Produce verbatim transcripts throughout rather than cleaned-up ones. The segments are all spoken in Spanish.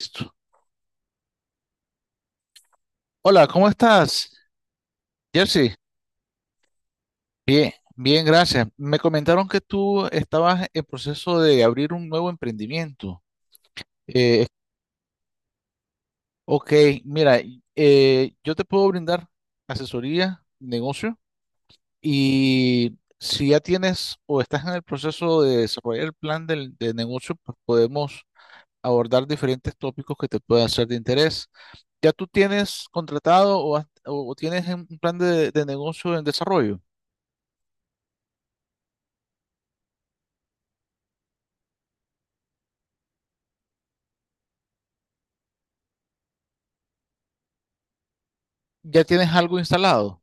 Listo. Hola, ¿cómo estás, Jersey? Bien, bien, gracias. Me comentaron que tú estabas en proceso de abrir un nuevo emprendimiento. Eh, ok, mira, y- eh, yo te puedo brindar asesoría, negocio, y si ya tienes o estás en el proceso de desarrollar el plan del, de negocio, pues podemos abordar diferentes tópicos que te puedan ser de interés. ¿Ya tú tienes contratado o, has- o tienes un plan de de negocio en desarrollo? Ya tienes algo instalado,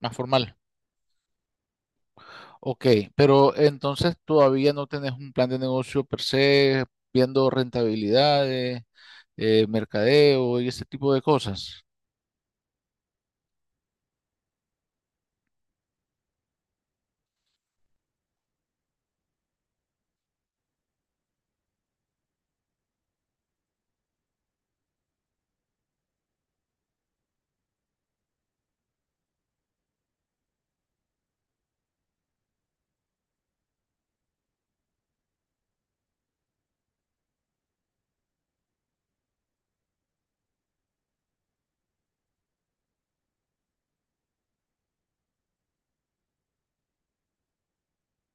más formal. Ok, pero entonces todavía no tenés un plan de negocio per se, viendo rentabilidades, eh, mercadeo y ese tipo de cosas,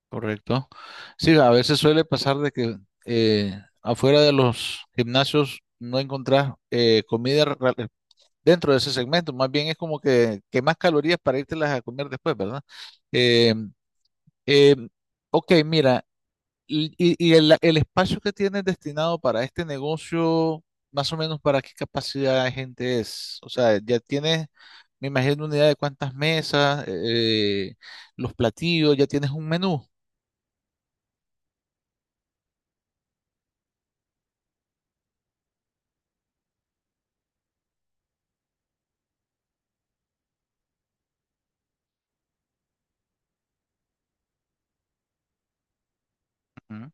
¿correcto? Sí, a veces suele pasar de que eh, afuera de los gimnasios no encontrás eh, comida ra- dentro de ese segmento, más bien es como que, que más calorías para las a comer después, ¿verdad? Eh, eh, ok, mira. Y, y- y el, el espacio que tienes destinado para este negocio, más o menos para qué capacidad de gente es. O sea, ya tienes, me imagino, una idea de cuántas mesas, eh, los platillos, ya tienes un menú. Ujú.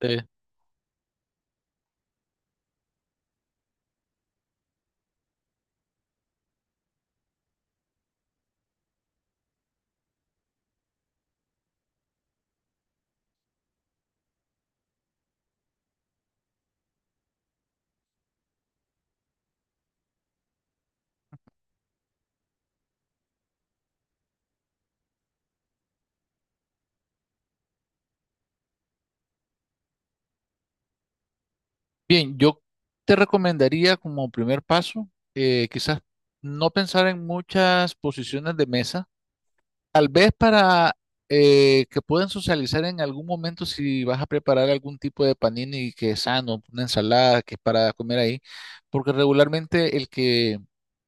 Eh, bien, yo te recomendaría como primer paso, eh, quizás no pensar en muchas posiciones de mesa. Tal vez para eh, que puedan socializar en algún momento si vas a preparar algún tipo de panini que es sano, una ensalada que es para comer ahí, porque regularmente el que,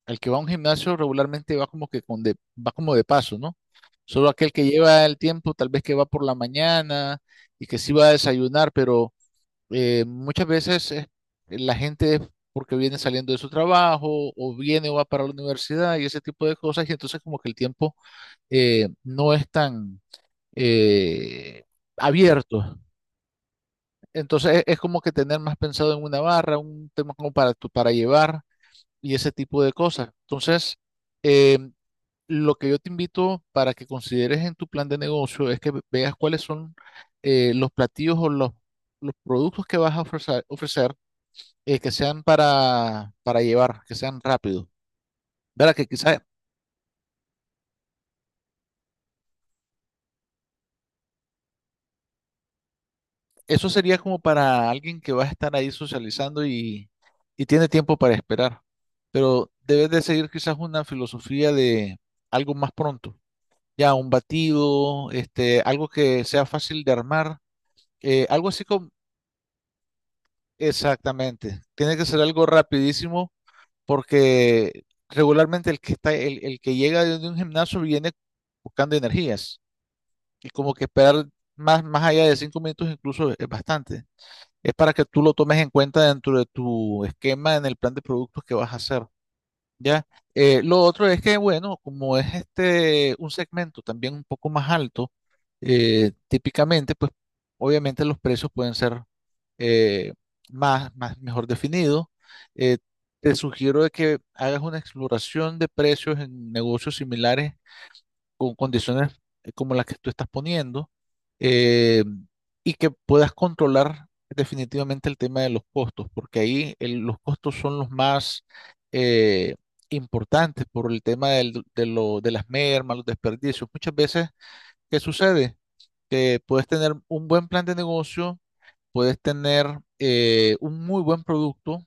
el que va a un gimnasio regularmente va como que con de, va como de paso, ¿no? Solo aquel que lleva el tiempo, tal vez que va por la mañana y que sí va a desayunar, pero eh, muchas veces eh, la gente es porque viene saliendo de su trabajo o viene o va para la universidad y ese tipo de cosas, y entonces como que el tiempo eh, no es tan eh, abierto. Entonces es, es como que tener más pensado en una barra, un tema como para, tu- para llevar y ese tipo de cosas. Entonces, eh, lo que yo te invito para que consideres en tu plan de negocio es que ve- veas cuáles son eh, los platillos o los, los productos que vas a ofrecer, ofrecer, eh, que sean para, para llevar, que sean rápidos. ¿Verdad? Que quizás eso sería como para alguien que va a estar ahí socializando y, y tiene tiempo para esperar. Pero debes de seguir quizás una filosofía de algo más pronto. Ya un batido, este, algo que sea fácil de armar, eh, algo así como, exactamente. Tiene que ser algo rapidísimo porque regularmente el que está, el, el que llega de un gimnasio viene buscando energías y como que esperar más, más allá de cinco minutos incluso es bastante. Es para que tú lo tomes en cuenta dentro de tu esquema en el plan de productos que vas a hacer, ¿ya? Eh, lo otro es que, bueno, como es este un segmento también un poco más alto, eh, típicamente, pues obviamente los precios pueden ser eh, más, más mejor definidos. Eh, te sugiero de que hagas una exploración de precios en negocios similares con condiciones eh, como las que tú estás poniendo, eh, y que puedas controlar definitivamente el tema de los costos, porque ahí el- los costos son los más eh, importantes por el tema del- de, lo- de las mermas, los desperdicios. Muchas veces, ¿qué sucede? Que puedes tener un buen plan de negocio, puedes tener eh, un muy buen producto,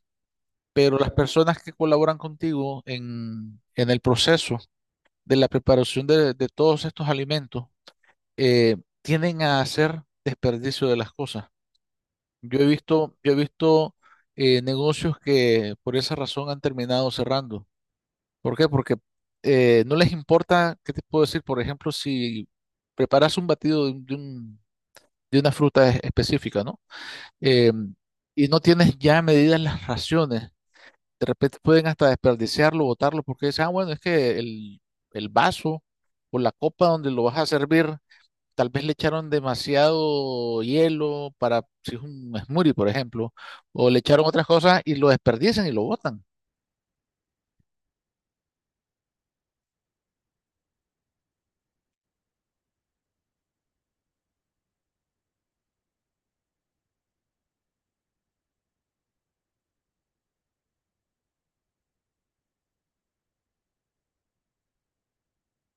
pero las personas que colaboran contigo en, en el proceso de la preparación de de todos estos alimentos, eh, tienden a hacer desperdicio de las cosas. Yo he visto, yo he visto eh, negocios que por esa razón han terminado cerrando. ¿Por qué? Porque eh, no les importa, ¿qué te puedo decir? Por ejemplo, si preparas un batido de, un- de un- de una fruta es- específica, ¿no? Eh, y no tienes ya medidas las raciones, de repente pueden hasta desperdiciarlo, botarlo, porque dicen, ah, bueno, es que el, el vaso o la copa donde lo vas a servir. Tal vez le echaron demasiado hielo para si es un smoothie, por ejemplo, o le echaron otras cosas y lo desperdician y lo botan.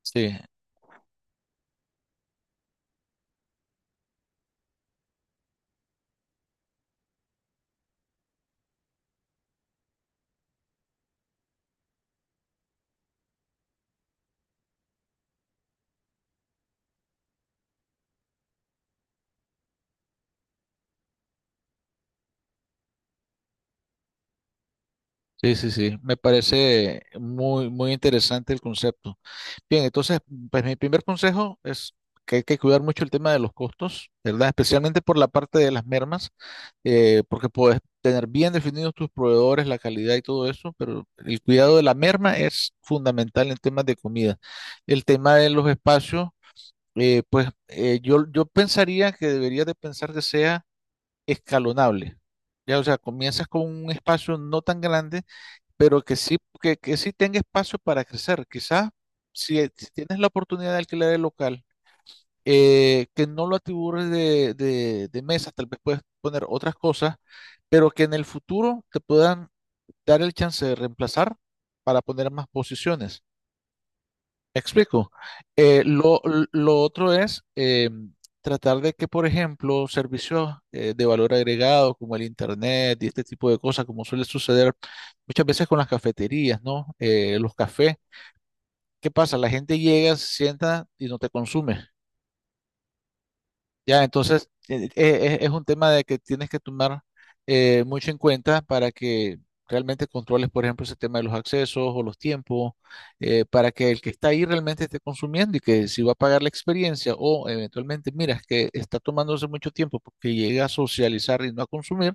Sí, sí, sí, sí. Me parece muy, muy interesante el concepto. Bien, entonces, pues mi primer consejo es que hay que cuidar mucho el tema de los costos, ¿verdad? Especialmente por la parte de las mermas, eh, porque puedes tener bien definidos tus proveedores, la calidad y todo eso, pero el cuidado de la merma es fundamental en temas de comida. El tema de los espacios. Eh, pues eh, yo, yo pensaría que deberías de pensar que sea escalonable. Ya, o sea, comienzas con un espacio no tan grande, pero que sí, que, que sí tenga espacio para crecer. Quizás si, eh, si tienes la oportunidad de alquilar el local, eh, que no lo atibures de, de, de mesas, tal vez puedes poner otras cosas, pero que en el futuro te puedan dar el chance de reemplazar para poner más posiciones. Me explico. Eh, lo, lo otro es eh, tratar de que, por ejemplo, servicios eh, de valor agregado como el Internet y este tipo de cosas, como suele suceder muchas veces con las cafeterías, ¿no? Eh, los cafés. ¿Qué pasa? La gente llega, se sienta y no te consume. Ya, entonces eh, eh, es un tema de que tienes que tomar eh, mucho en cuenta para que realmente controles, por ejemplo, ese tema de los accesos o los tiempos, eh, para que el que está ahí realmente esté consumiendo y que si va a pagar la experiencia o eventualmente miras que está tomándose mucho tiempo porque llega a socializar y no a consumir,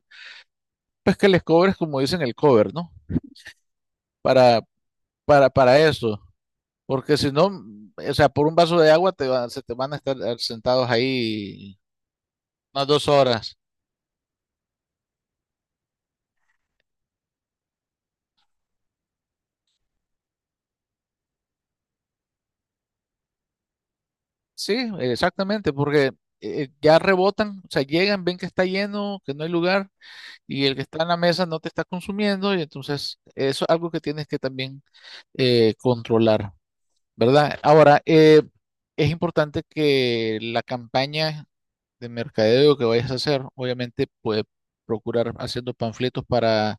pues que les cobres, como dicen, el cover, ¿no? Para, para, para eso. Porque si no, mm, o sea, por un vaso de agua te va- se te van a estar eh, sentados ahí unas dos horas. Sí, exactamente, porque eh, ya rebotan, o sea, llegan, ven que está lleno, que no hay lugar y el que está en la mesa no te está consumiendo y entonces eso es algo que tienes que también eh, controlar, ¿verdad? Ahora, eh, es importante que la campaña de mercadeo que vayas a hacer, obviamente, pues procurar haciendo panfletos para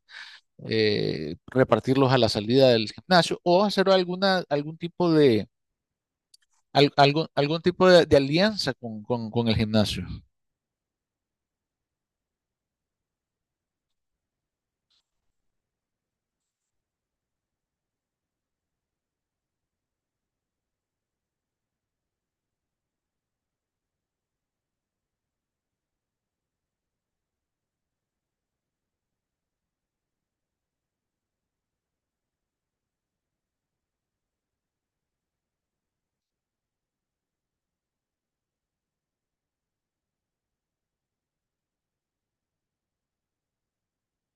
eh, repartirlos a la salida del gimnasio o hacer alguna, algún tipo de al- algún, algún tipo de, de alianza con, con- con el gimnasio.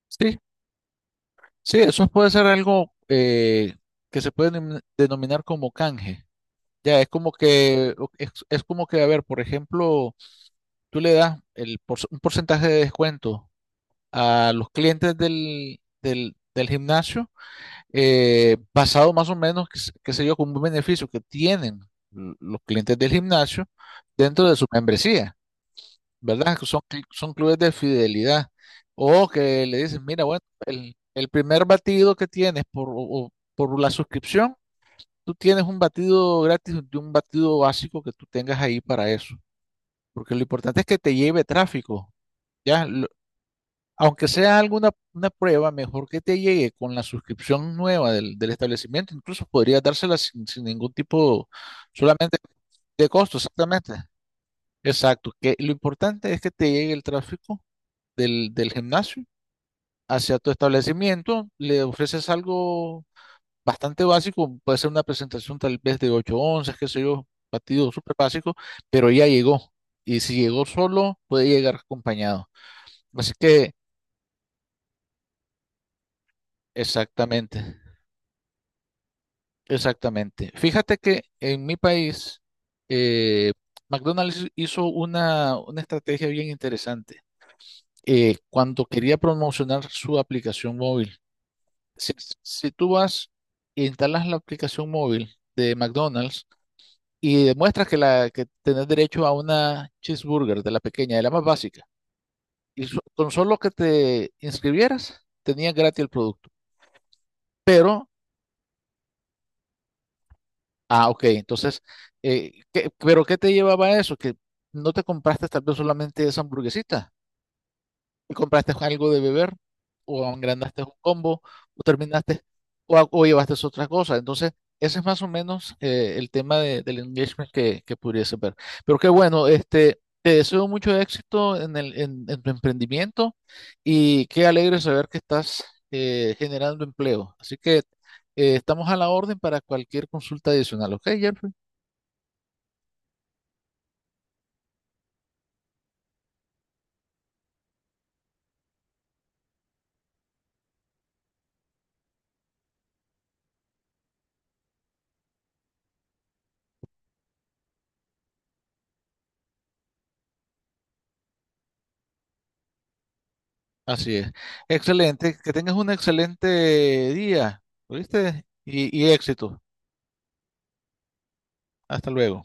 Sí, sí, eso puede ser algo eh, que se puede denom- denominar como canje. Ya, es como que, o- es, es como que, a ver, por ejemplo, tú le das el, por- un porcentaje de descuento a los clientes del, del, del gimnasio, eh, basado más o menos, qué sé qué sé yo, con un beneficio que tienen l- los clientes del gimnasio dentro de su membresía. ¿Verdad? Que son, cl- son clubes de fidelidad. O que le dicen, mira, bueno, el, el primer batido que tienes por, o- o por la suscripción, tú tienes un batido gratis de un batido básico que tú tengas ahí para eso. Porque lo importante es que te lleve tráfico, ¿ya? Lo- aunque sea alguna una prueba, mejor que te llegue con la suscripción nueva del, del establecimiento. Incluso podría dársela sin, sin ningún tipo, solamente de costo, exactamente. Exacto. Que lo importante es que te llegue el tráfico del, del gimnasio hacia tu establecimiento, le ofreces algo bastante básico, puede ser una presentación tal vez de ocho onzas, qué sé yo, batido súper básico, pero ya llegó. Y si llegó solo, puede llegar acompañado. Así que, exactamente, exactamente. Fíjate que en mi país, eh, McDonald's hizo una, una estrategia bien interesante, eh, cuando quería promocionar su aplicación móvil. Si, si tú vas e instalas la aplicación móvil de McDonald's y demuestras que, la, que tenés derecho a una cheeseburger de la pequeña, de la más básica, y so- con solo que te inscribieras, tenías gratis el producto. Pero, ah, ok, entonces, eh, ¿qué- pero ¿qué te llevaba a eso? Que no te compraste tal vez solamente esa hamburguesita, y compraste algo de beber, o engrandaste un combo, o terminaste, o, a- o llevaste otra cosa. Entonces, ese es más o menos eh, el tema de- del engagement que, que pudiese ver. Pero qué bueno, este, te deseo mucho éxito en el, en, en tu emprendimiento y qué alegre saber que estás eh, generando empleo. Así que eh, estamos a la orden para cualquier consulta adicional, ¿ok, Jeffrey? Así es. Excelente. Que tengas un excelente día, ¿oíste? Y, y éxito. Hasta luego.